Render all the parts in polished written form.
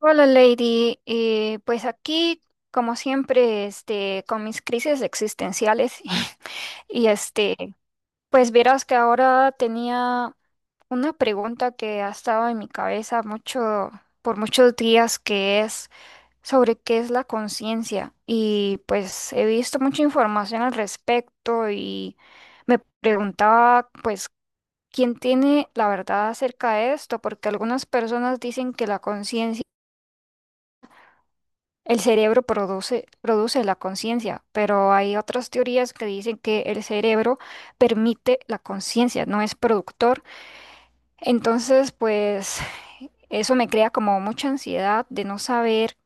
Hola, Lady. Pues aquí, como siempre, con mis crisis existenciales y pues verás que ahora tenía una pregunta que ha estado en mi cabeza mucho, por muchos días, que es sobre qué es la conciencia. Y pues he visto mucha información al respecto y me preguntaba, pues, ¿quién tiene la verdad acerca de esto? Porque algunas personas dicen que la conciencia el cerebro produce la conciencia, pero hay otras teorías que dicen que el cerebro permite la conciencia, no es productor. Entonces, pues eso me crea como mucha ansiedad de no saber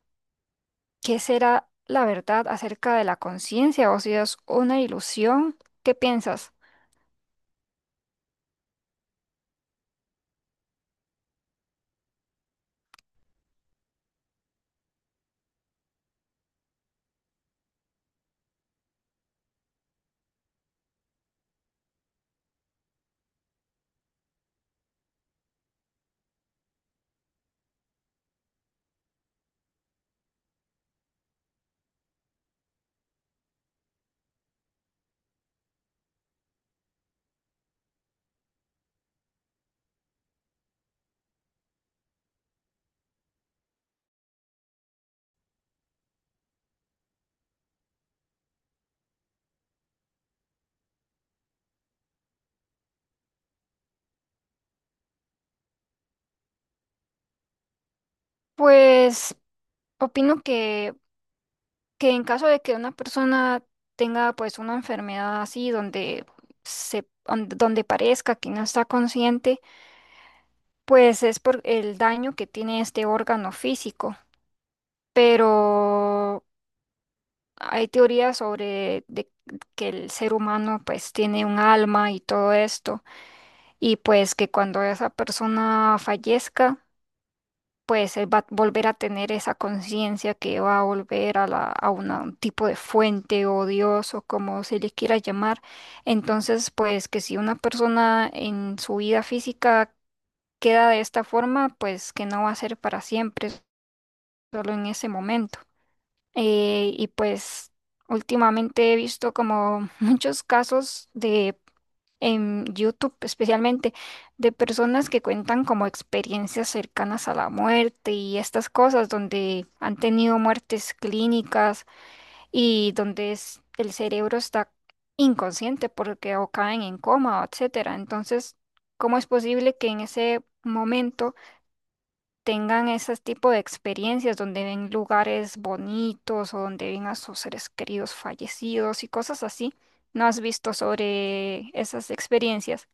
qué será la verdad acerca de la conciencia o si es una ilusión. ¿Qué piensas? Pues opino que en caso de que una persona tenga pues una enfermedad así donde donde parezca que no está consciente, pues es por el daño que tiene este órgano físico, pero hay teorías sobre de que el ser humano pues tiene un alma y todo esto, y pues que cuando esa persona fallezca, pues él va a volver a tener esa conciencia que va a volver a, a un tipo de fuente o Dios o como se le quiera llamar. Entonces, pues que si una persona en su vida física queda de esta forma, pues que no va a ser para siempre. Solo en ese momento. Y pues últimamente he visto como muchos casos de en YouTube, especialmente de personas que cuentan como experiencias cercanas a la muerte y estas cosas donde han tenido muertes clínicas y donde el cerebro está inconsciente porque o caen en coma, etcétera. Entonces, ¿cómo es posible que en ese momento tengan ese tipo de experiencias donde ven lugares bonitos o donde ven a sus seres queridos fallecidos y cosas así? ¿No has visto sobre esas experiencias?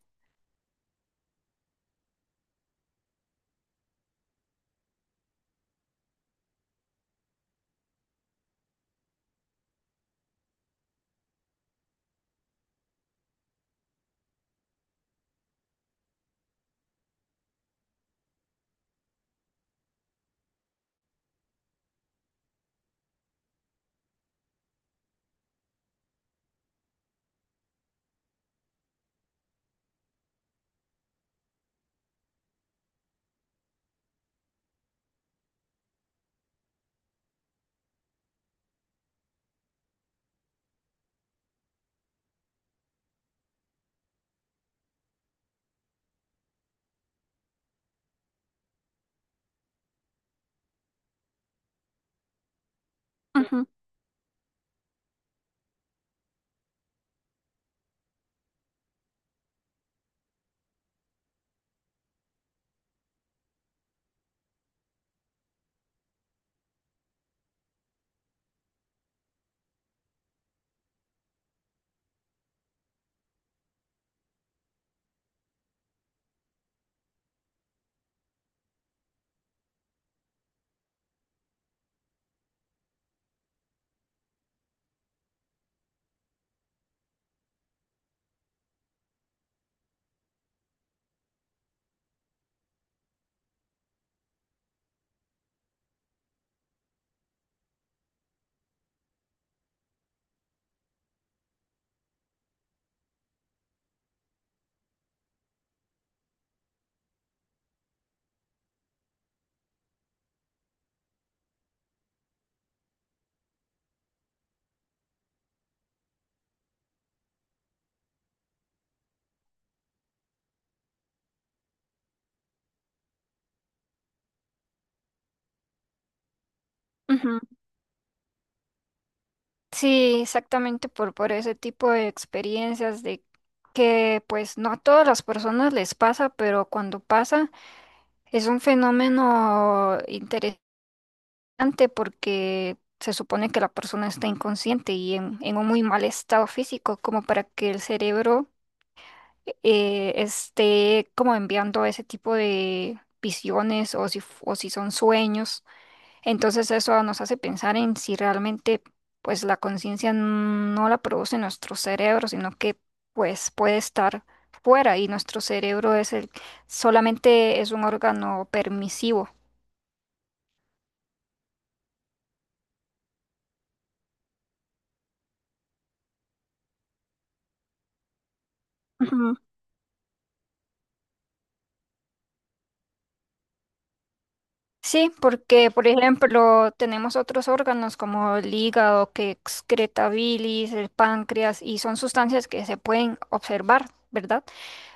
Ujú, ujú. Sí, exactamente por ese tipo de experiencias de que pues no a todas las personas les pasa, pero cuando pasa es un fenómeno interesante porque se supone que la persona está inconsciente y en un muy mal estado físico, como para que el cerebro esté como enviando ese tipo de visiones o si, o si son sueños. Entonces eso nos hace pensar en si realmente pues la conciencia no la produce nuestro cerebro, sino que pues puede estar fuera y nuestro cerebro es el solamente es un órgano permisivo. Sí, porque por ejemplo tenemos otros órganos como el hígado que excreta bilis, el páncreas y son sustancias que se pueden observar, ¿verdad?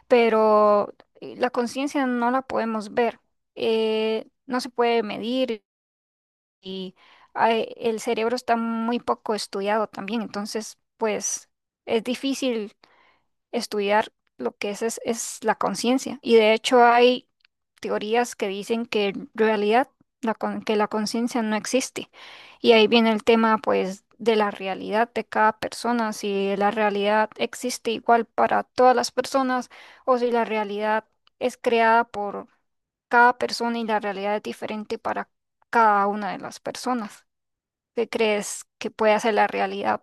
Pero la conciencia no la podemos ver, no se puede medir y ay, el cerebro está muy poco estudiado también, entonces pues es difícil estudiar lo que es la conciencia. Y de hecho hay teorías que dicen que en realidad la que la conciencia no existe. Y ahí viene el tema, pues, de la realidad de cada persona, si la realidad existe igual para todas las personas o si la realidad es creada por cada persona y la realidad es diferente para cada una de las personas. ¿Qué crees que puede hacer la realidad?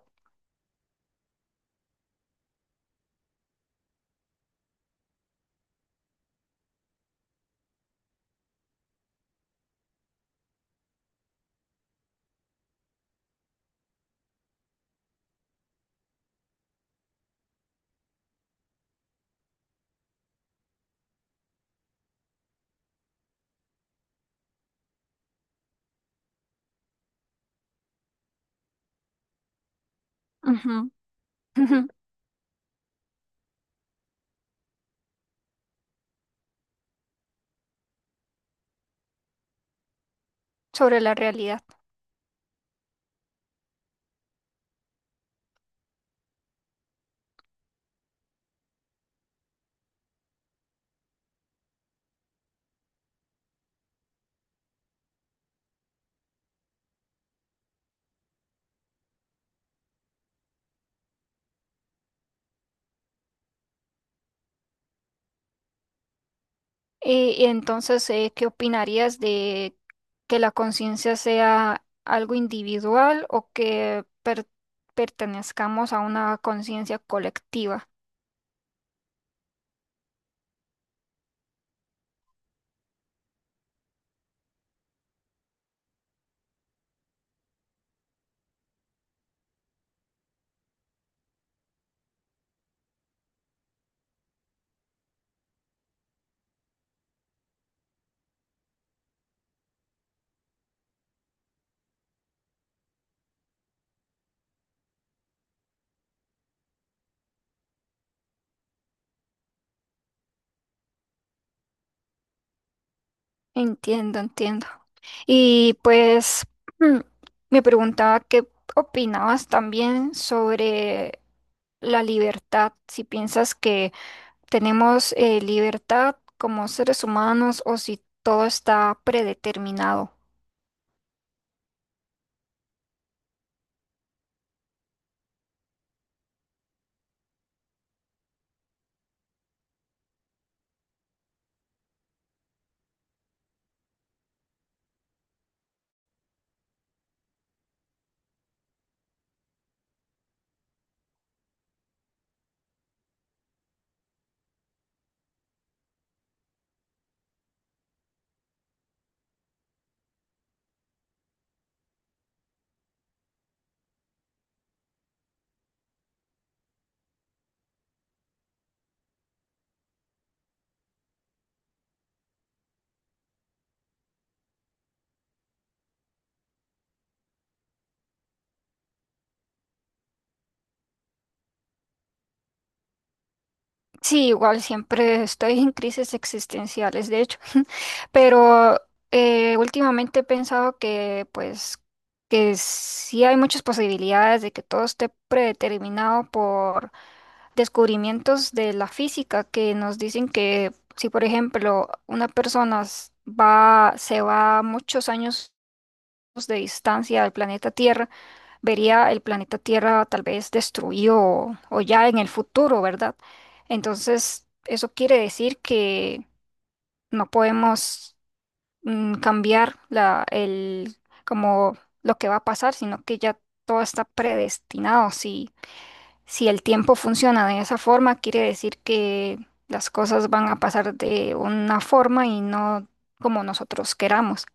Ujú, ujú. Sobre la realidad. Y entonces, ¿qué opinarías de que la conciencia sea algo individual o que pertenezcamos a una conciencia colectiva? Entiendo, entiendo. Y pues mm, me preguntaba qué opinabas también sobre la libertad, si piensas que tenemos libertad como seres humanos o si todo está predeterminado. Sí, igual siempre estoy en crisis existenciales, de hecho, pero últimamente he pensado que pues que sí hay muchas posibilidades de que todo esté predeterminado por descubrimientos de la física que nos dicen que si por ejemplo una persona va se va a muchos años de distancia al planeta Tierra, vería el planeta Tierra tal vez destruido o ya en el futuro, ¿verdad? Entonces, eso quiere decir que no podemos cambiar como lo que va a pasar, sino que ya todo está predestinado. Si, si el tiempo funciona de esa forma, quiere decir que las cosas van a pasar de una forma y no como nosotros queramos.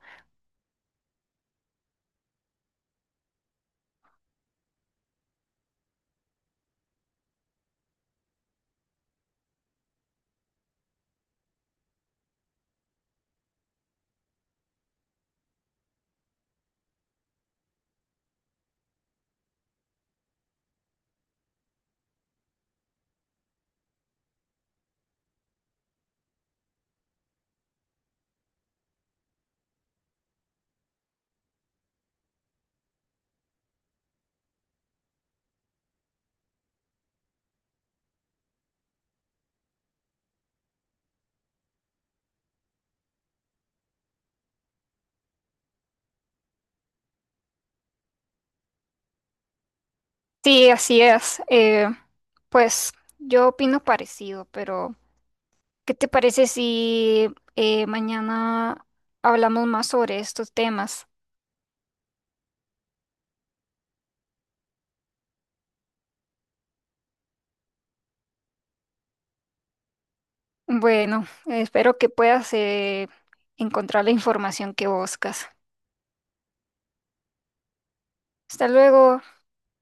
Sí, así es. Pues yo opino parecido, pero... ¿Qué te parece si mañana hablamos más sobre estos temas? Bueno, espero que puedas encontrar la información que buscas. Hasta luego.